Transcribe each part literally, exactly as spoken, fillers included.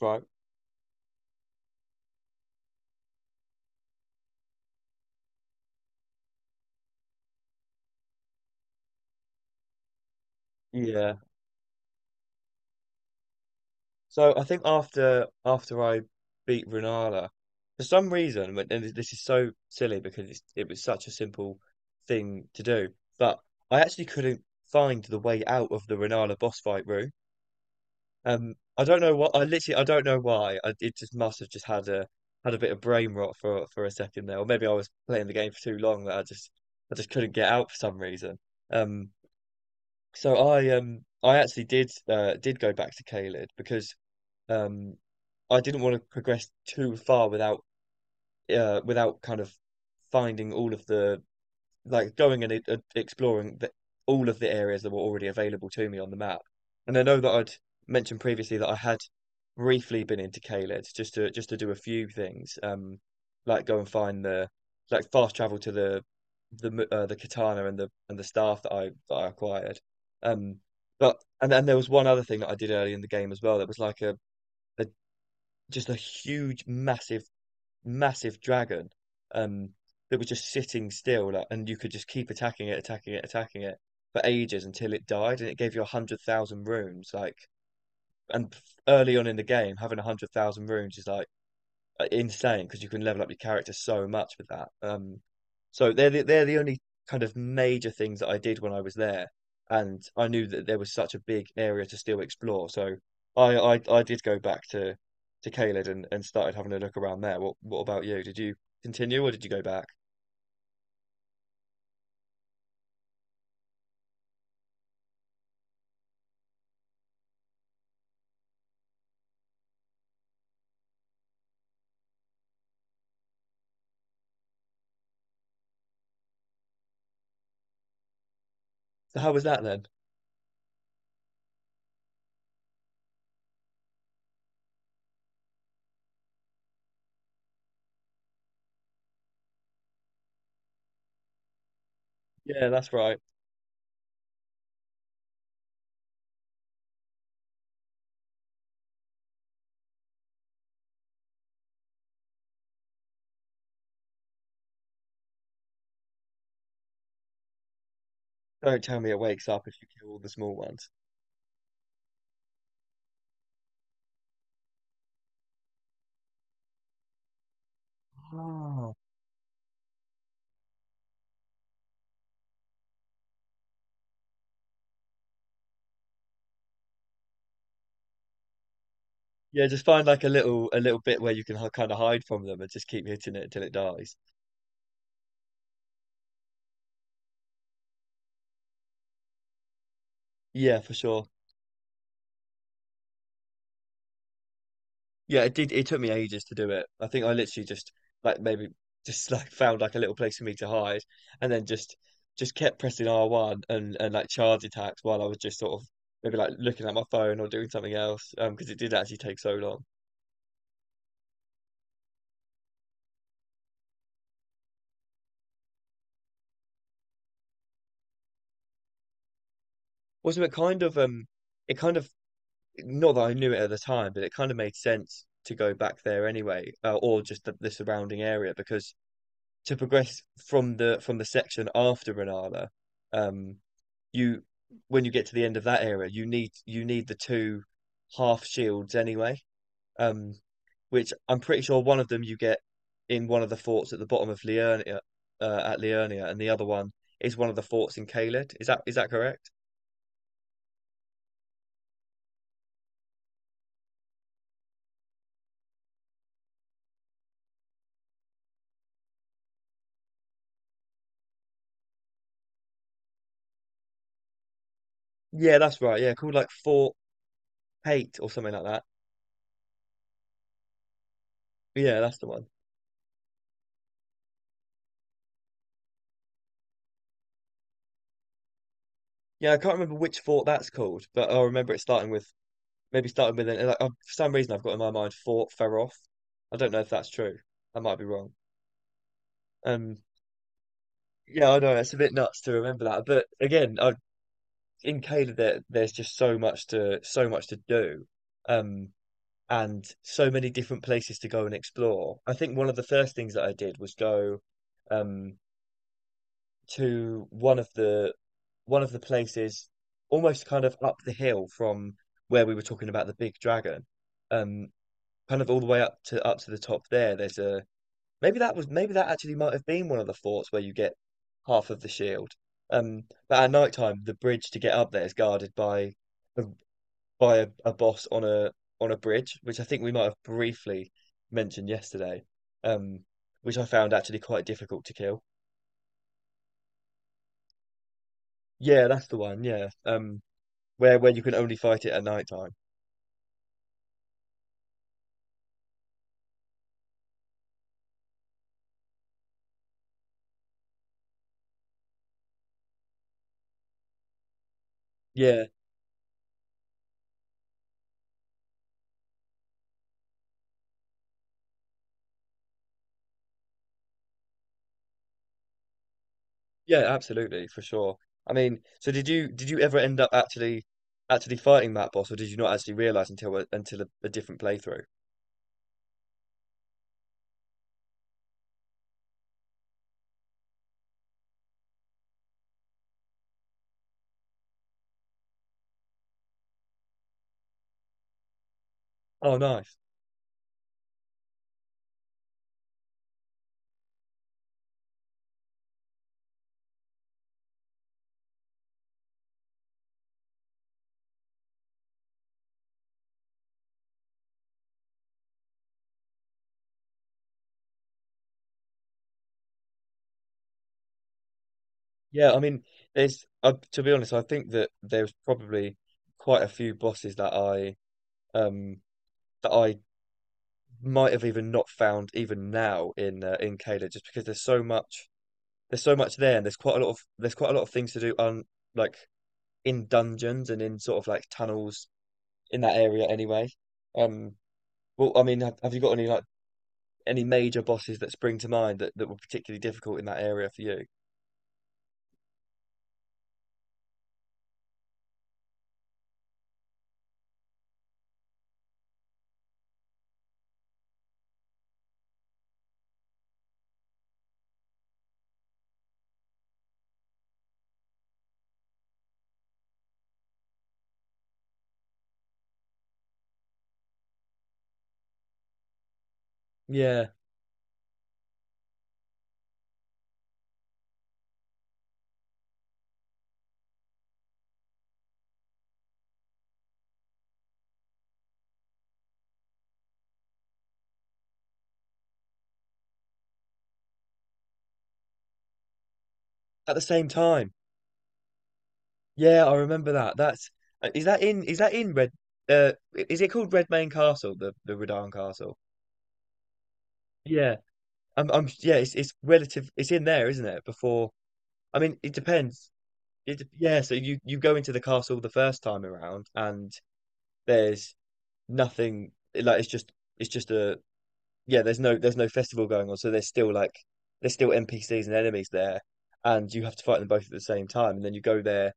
Right. Yeah. So I think after after I beat Renala, for some reason, but- and this is so silly because it's, it was such a simple thing to do, but I actually couldn't find the way out of the Renala boss fight room. Um, I don't know what I literally I don't know why. I, it just must have just had a had a bit of brain rot for for a second there, or maybe I was playing the game for too long that I just I just couldn't get out for some reason. Um, so I um I actually did uh, did go back to Caelid because Um, I didn't want to progress too far without uh, without kind of finding all of the like going and e- e- exploring the, all of the areas that were already available to me on the map. And I know that I'd mentioned previously that I had briefly been into Caelid just to just to do a few things, um, like go and find the like fast travel to the the uh, the katana and the and the staff that I that I acquired. Um, but and then there was one other thing that I did early in the game as well. That was like a a just a huge, massive, massive dragon um, that was just sitting still, like, and you could just keep attacking it, attacking it, attacking it for ages until it died, and it gave you a hundred thousand runes. Like, and early on in the game, having a hundred thousand runes is like uh, insane because you can level up your character so much with that. Um, so they're the, they're the only kind of major things that I did when I was there, and I knew that there was such a big area to still explore. So I I, I did go back to to Caelid and, and started having a look around there. What what about you? Did you continue or did you go back? So how was that then? Yeah, that's right. Don't tell me it wakes up if you kill all the small ones. Oh. Yeah, just find like a little a little bit where you can kind of hide from them and just keep hitting it until it dies. Yeah, for sure. Yeah, it did. It took me ages to do it. I think I literally just like maybe just like found like a little place for me to hide, and then just just kept pressing R one and and like charge attacks while I was just sort of maybe like looking at my phone or doing something else. Um, because it did actually take so long. Wasn't it kind of um, it kind of not that I knew it at the time, but it kind of made sense to go back there anyway, uh, or just the, the surrounding area because to progress from the from the section after Renala, um, you when you get to the end of that area, you need you need the two half shields anyway. Um, which I'm pretty sure one of them you get in one of the forts at the bottom of Liurnia, uh, at Liurnia, and the other one is one of the forts in Caelid. Is that is that correct? Yeah, that's right. Yeah, called like Fort Hate or something like that. Yeah, that's the one. Yeah, I can't remember which fort that's called, but I remember it starting with maybe starting with an, like uh, for some reason I've got in my mind Fort Ferroth. I don't know if that's true. I might be wrong. Um, yeah, I know it's a bit nuts to remember that, but again, I, in Caleb there, there's just so much to so much to do, um, and so many different places to go and explore. I think one of the first things that I did was go, um, to one of the one of the places almost kind of up the hill from where we were talking about the big dragon. Um, Kind of all the way up to up to the top there. There's a maybe that was maybe that actually might have been one of the forts where you get half of the shield. Um, but at night time, the bridge to get up there is guarded by a- by a, a boss on a on a bridge, which I think we might have briefly mentioned yesterday. Um, which I found actually quite difficult to kill. Yeah, that's the one. Yeah. Um, where where you can only fight it at night time. Yeah. Yeah, absolutely, for sure. I mean, so did you did you ever end up actually actually fighting that boss, or did you not actually realize until a, until a, a different playthrough? Oh, nice. Yeah, I mean, there's uh, to be honest, I think that there's probably quite a few bosses that I um that I might have even not found even now in uh, in Kayla, just because there's so much there's so much there, and there's quite a lot of there's quite a lot of things to do on like in dungeons and in sort of like tunnels in that area anyway. Um, Well, I mean, have, have you got any like any major bosses that spring to mind that, that were particularly difficult in that area for you? Yeah. At the same time, yeah, I remember that. That's uh, is that in is that in Red? Uh, i- is it called Redmayne Castle, the the Redan Castle? Yeah. I'm, I'm yeah, it's it's relative. It's in there, isn't it? Before, I mean, it depends. It dep- yeah. So you you go into the castle the first time around, and there's nothing. Like it's just it's just a yeah, there's no there's no festival going on, so there's still like there's still N P Cs and enemies there, and you have to fight them both at the same time, and then you go there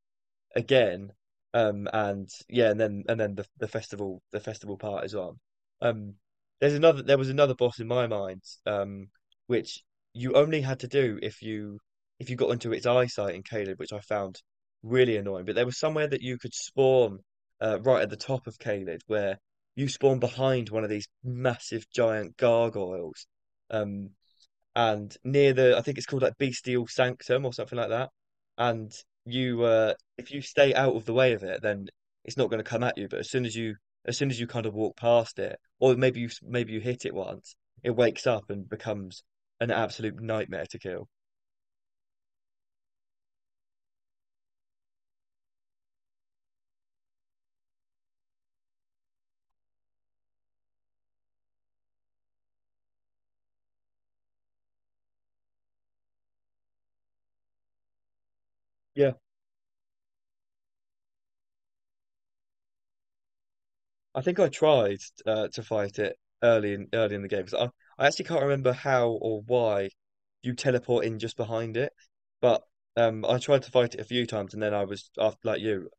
again. Um, and yeah, and then and then the the festival the festival part is on. Um, there's another there was another boss in my mind, um, which you only had to do if you if you got into its eyesight in Caleb, which I found really annoying. But there was somewhere that you could spawn uh, right at the top of Caleb, where you spawn behind one of these massive giant gargoyles. Um, and near the, I think it's called like Bestial Sanctum or something like that. And you, uh, if you stay out of the way of it, then it's not going to come at you. But as soon as you, as soon as you kind of walk past it, or maybe you, maybe you hit it once, it wakes up and becomes an absolute nightmare to kill. Yeah, I think I tried uh, to fight it early in early in the game 'cause I I actually can't remember how or why you teleport in just behind it, but um I tried to fight it a few times and then I was after like you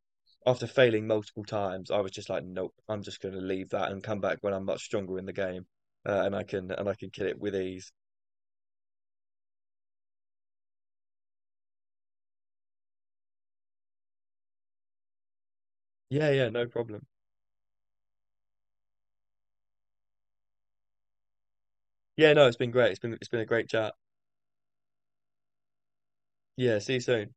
after failing multiple times, I was just like, nope, I'm just going to leave that and come back when I'm much stronger in the game, uh, and I can and I can kill it with ease. Yeah, yeah, no problem. Yeah, no, it's been great. It's been it's been a great chat. Yeah, see you soon.